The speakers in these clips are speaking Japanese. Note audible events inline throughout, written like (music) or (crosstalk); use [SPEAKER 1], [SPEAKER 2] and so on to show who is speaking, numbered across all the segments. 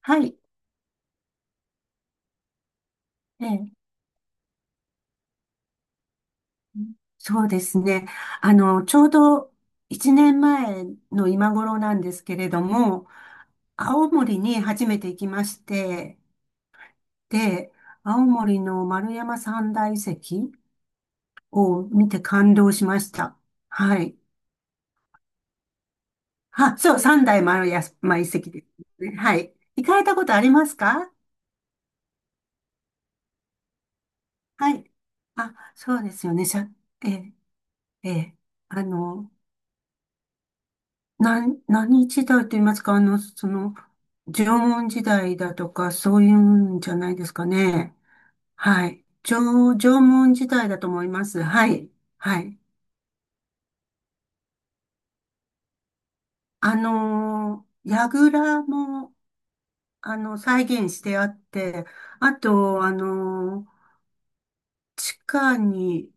[SPEAKER 1] はい。ええ、そうですね。ちょうど1年前の今頃なんですけれども、青森に初めて行きまして、で、青森の丸山三大遺跡を見て感動しました。はい。あ、そう、三大丸山遺跡ですね。はい。行かれたことありますか？はい。あ、そうですよね。ええ、ええ。あの、何時代と言いますか、縄文時代だとか、そういうんじゃないですかね。はい。縄文時代だと思います。はい。はい。櫓も、再現してあって、あと、地下に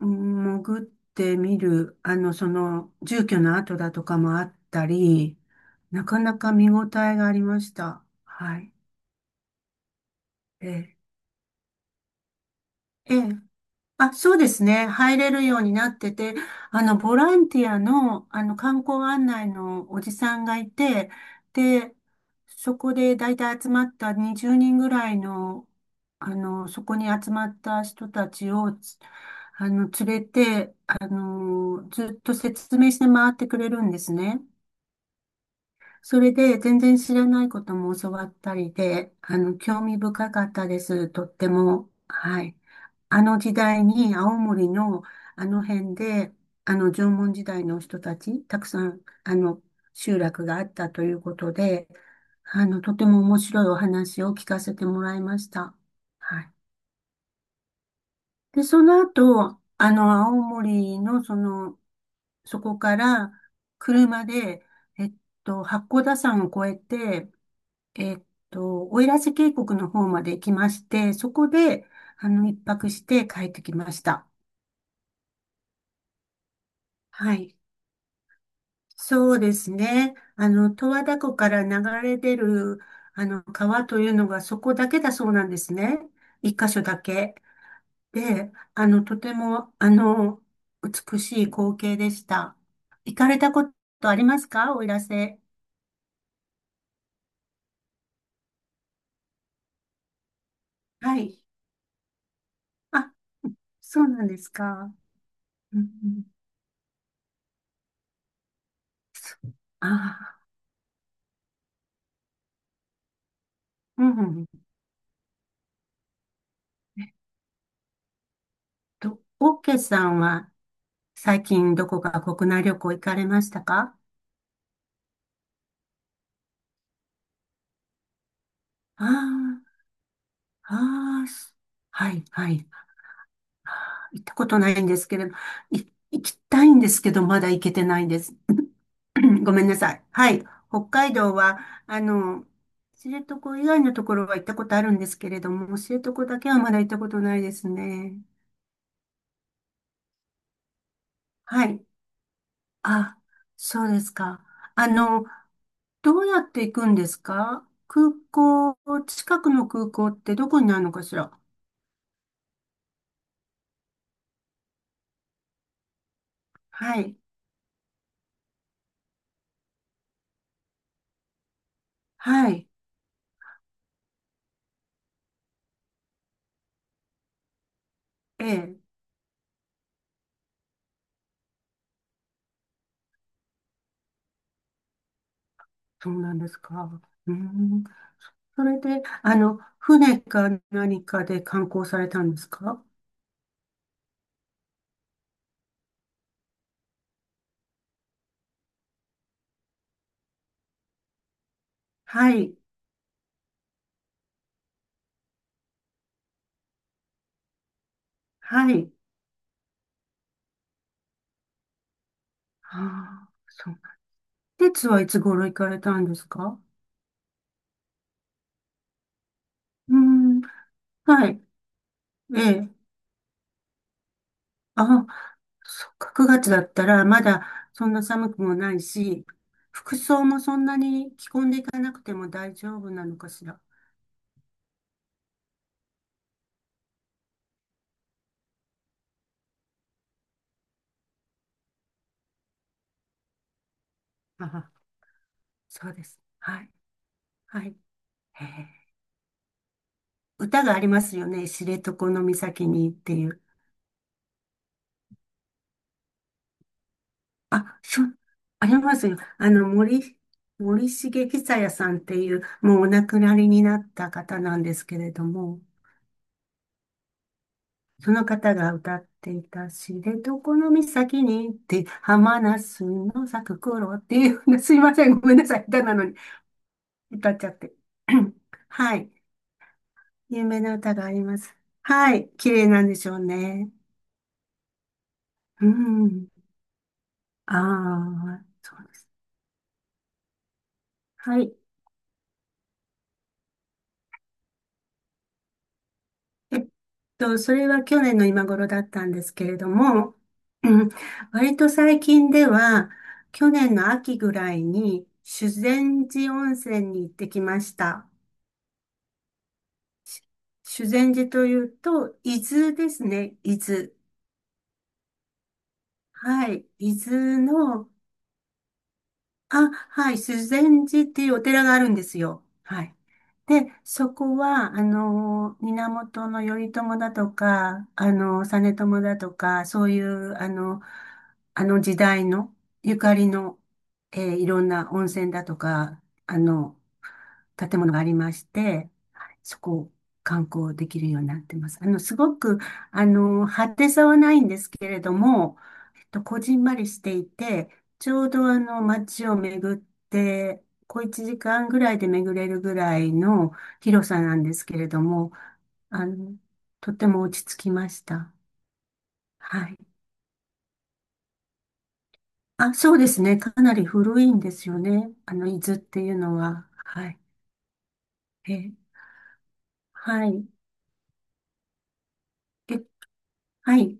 [SPEAKER 1] うん潜ってみる、住居の跡だとかもあったり、なかなか見応えがありました。はい。ええええ。あ、そうですね。入れるようになってて、ボランティアの、観光案内のおじさんがいて、で、そこで大体集まった20人ぐらいの、そこに集まった人たちを、つあの、連れて、ずっと説明して回ってくれるんですね。それで全然知らないことも教わったりで、興味深かったです。とっても。はい。あの時代に青森のあの辺で、あの縄文時代の人たち、たくさん、集落があったということで、とても面白いお話を聞かせてもらいました。はい。で、その後、青森のそこから車で、えっ八甲田山を越えて、えっ奥入瀬渓谷の方まで行きまして、そこで、一泊して帰ってきました。はい。そうですね。十和田湖から流れ出る、川というのがそこだけだそうなんですね。一箇所だけ。で、とても、美しい光景でした。行かれたことありますか、奥入瀬？はい。あ、そうなんですか。うんうん、ああ、うんうん。と、オーケーさんは最近どこか国内旅行行かれましたか？ああ、ああ、はい、はい。行ったことないんですけれど、い、行きたいんですけど、まだ行けてないんです。(coughs) (clears throat) ごめんなさい。はい。北海道は、あの、知床以外のところは行ったことあるんですけれども、知床だけはまだ行ったことないですね。はい。あ、そうですか。あの、どうやって行くんですか、空港、近くの空港ってどこになるのかしら？はい、はい、ええ、そうなんですか。うん、それで、船か何かで観光されたんですか？はい、はい、ああ、そう。で、はいつ頃行かれたんですか？うん、はい、ええ、あ、そっか、9月だったらまだそんな寒くもないし、服装もそんなに着込んでいかなくても大丈夫なのかしら。あはそうです。はい。はい。へえ。歌がありますよね。知床の岬にっていう。あ、そう、ありますよ。森重久彌さんっていう、もうお亡くなりになった方なんですけれども、その方が歌っていた知床の岬に行って浜那須の咲く頃っていうような、すいません、ごめんなさい、歌なのに歌っちゃって。(coughs) (clears throat) はい。有名な歌があります。はい。綺麗なんでしょうね。うん。ああ、そうです。はい。えっそれは去年の今頃だったんですけれども、(coughs) うん割と最近では、去年の秋ぐらいに、修善寺温泉に行ってきました。修善寺というと、伊豆ですね。伊豆。はい。伊豆の、あ、はい。修善寺っていうお寺があるんですよ。はい。で、そこは、源頼朝だとか、実朝だとか、そういう、あの時代のゆかりの、いろんな温泉だとか、あの、建物がありまして、はい。そこを観光できるようになってます。すごく、派手さはないんですけれども、こじんまりしていて、ちょうど街を巡って、小1時間ぐらいで巡れるぐらいの広さなんですけれども、あの、とても落ち着きました。はい。あ、そうですね。かなり古いんですよね。伊豆っていうのは。はい。え、はい。え、はい。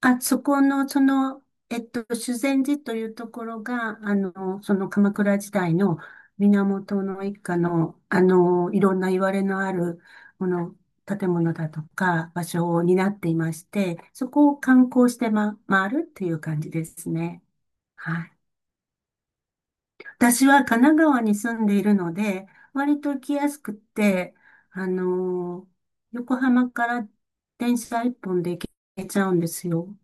[SPEAKER 1] あ、そこの、修善寺というところが、その鎌倉時代の源の一家の、いろんな言われのある、この、建物だとか、場所を担っていまして、そこを観光して回るっていう感じですね。はい。私は神奈川に住んでいるので、割と行きやすくって、あの、横浜から電車一本で行けちゃうんですよ。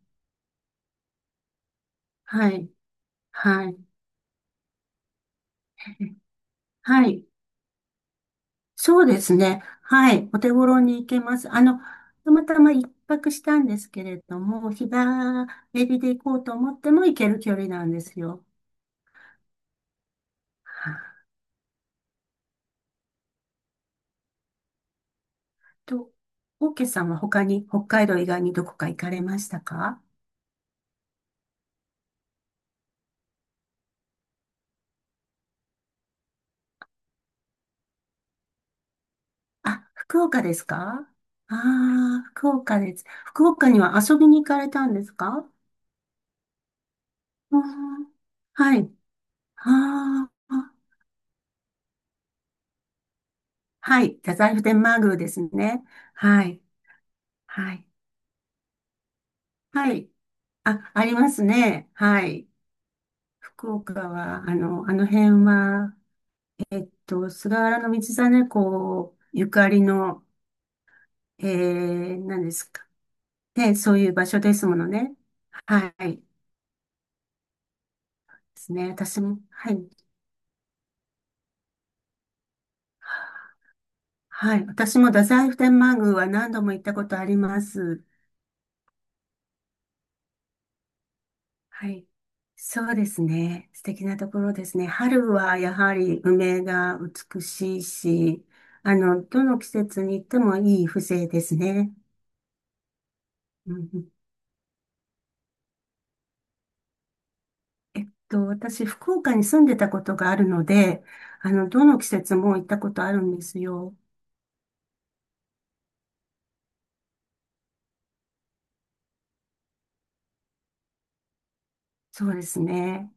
[SPEAKER 1] はい。はい。はい。そうですね。はい。お手頃に行けます。たまたま一泊したんですけれども、日帰りで行こうと思っても行ける距離なんですよ。はい。と、オーケーさんは他に、北海道以外にどこか行かれましたか？あ、福岡ですか？ああー、福岡です。福岡には遊びに行かれたんですか？うん、はい。ああ、はい。太宰府天満宮ですね。はい。はい。はい。あ、ありますね。はい。福岡は、あの辺は、菅原道真公ゆかりの、え何ですか。ね、そういう場所ですものね。はい。ですね。私も、はい。はい。私も太宰府天満宮は何度も行ったことあります。はい。そうですね。素敵なところですね。春はやはり梅が美しいし、どの季節に行ってもいい風情ですね。うんうん。私、福岡に住んでたことがあるので、どの季節も行ったことあるんですよ。そうですね。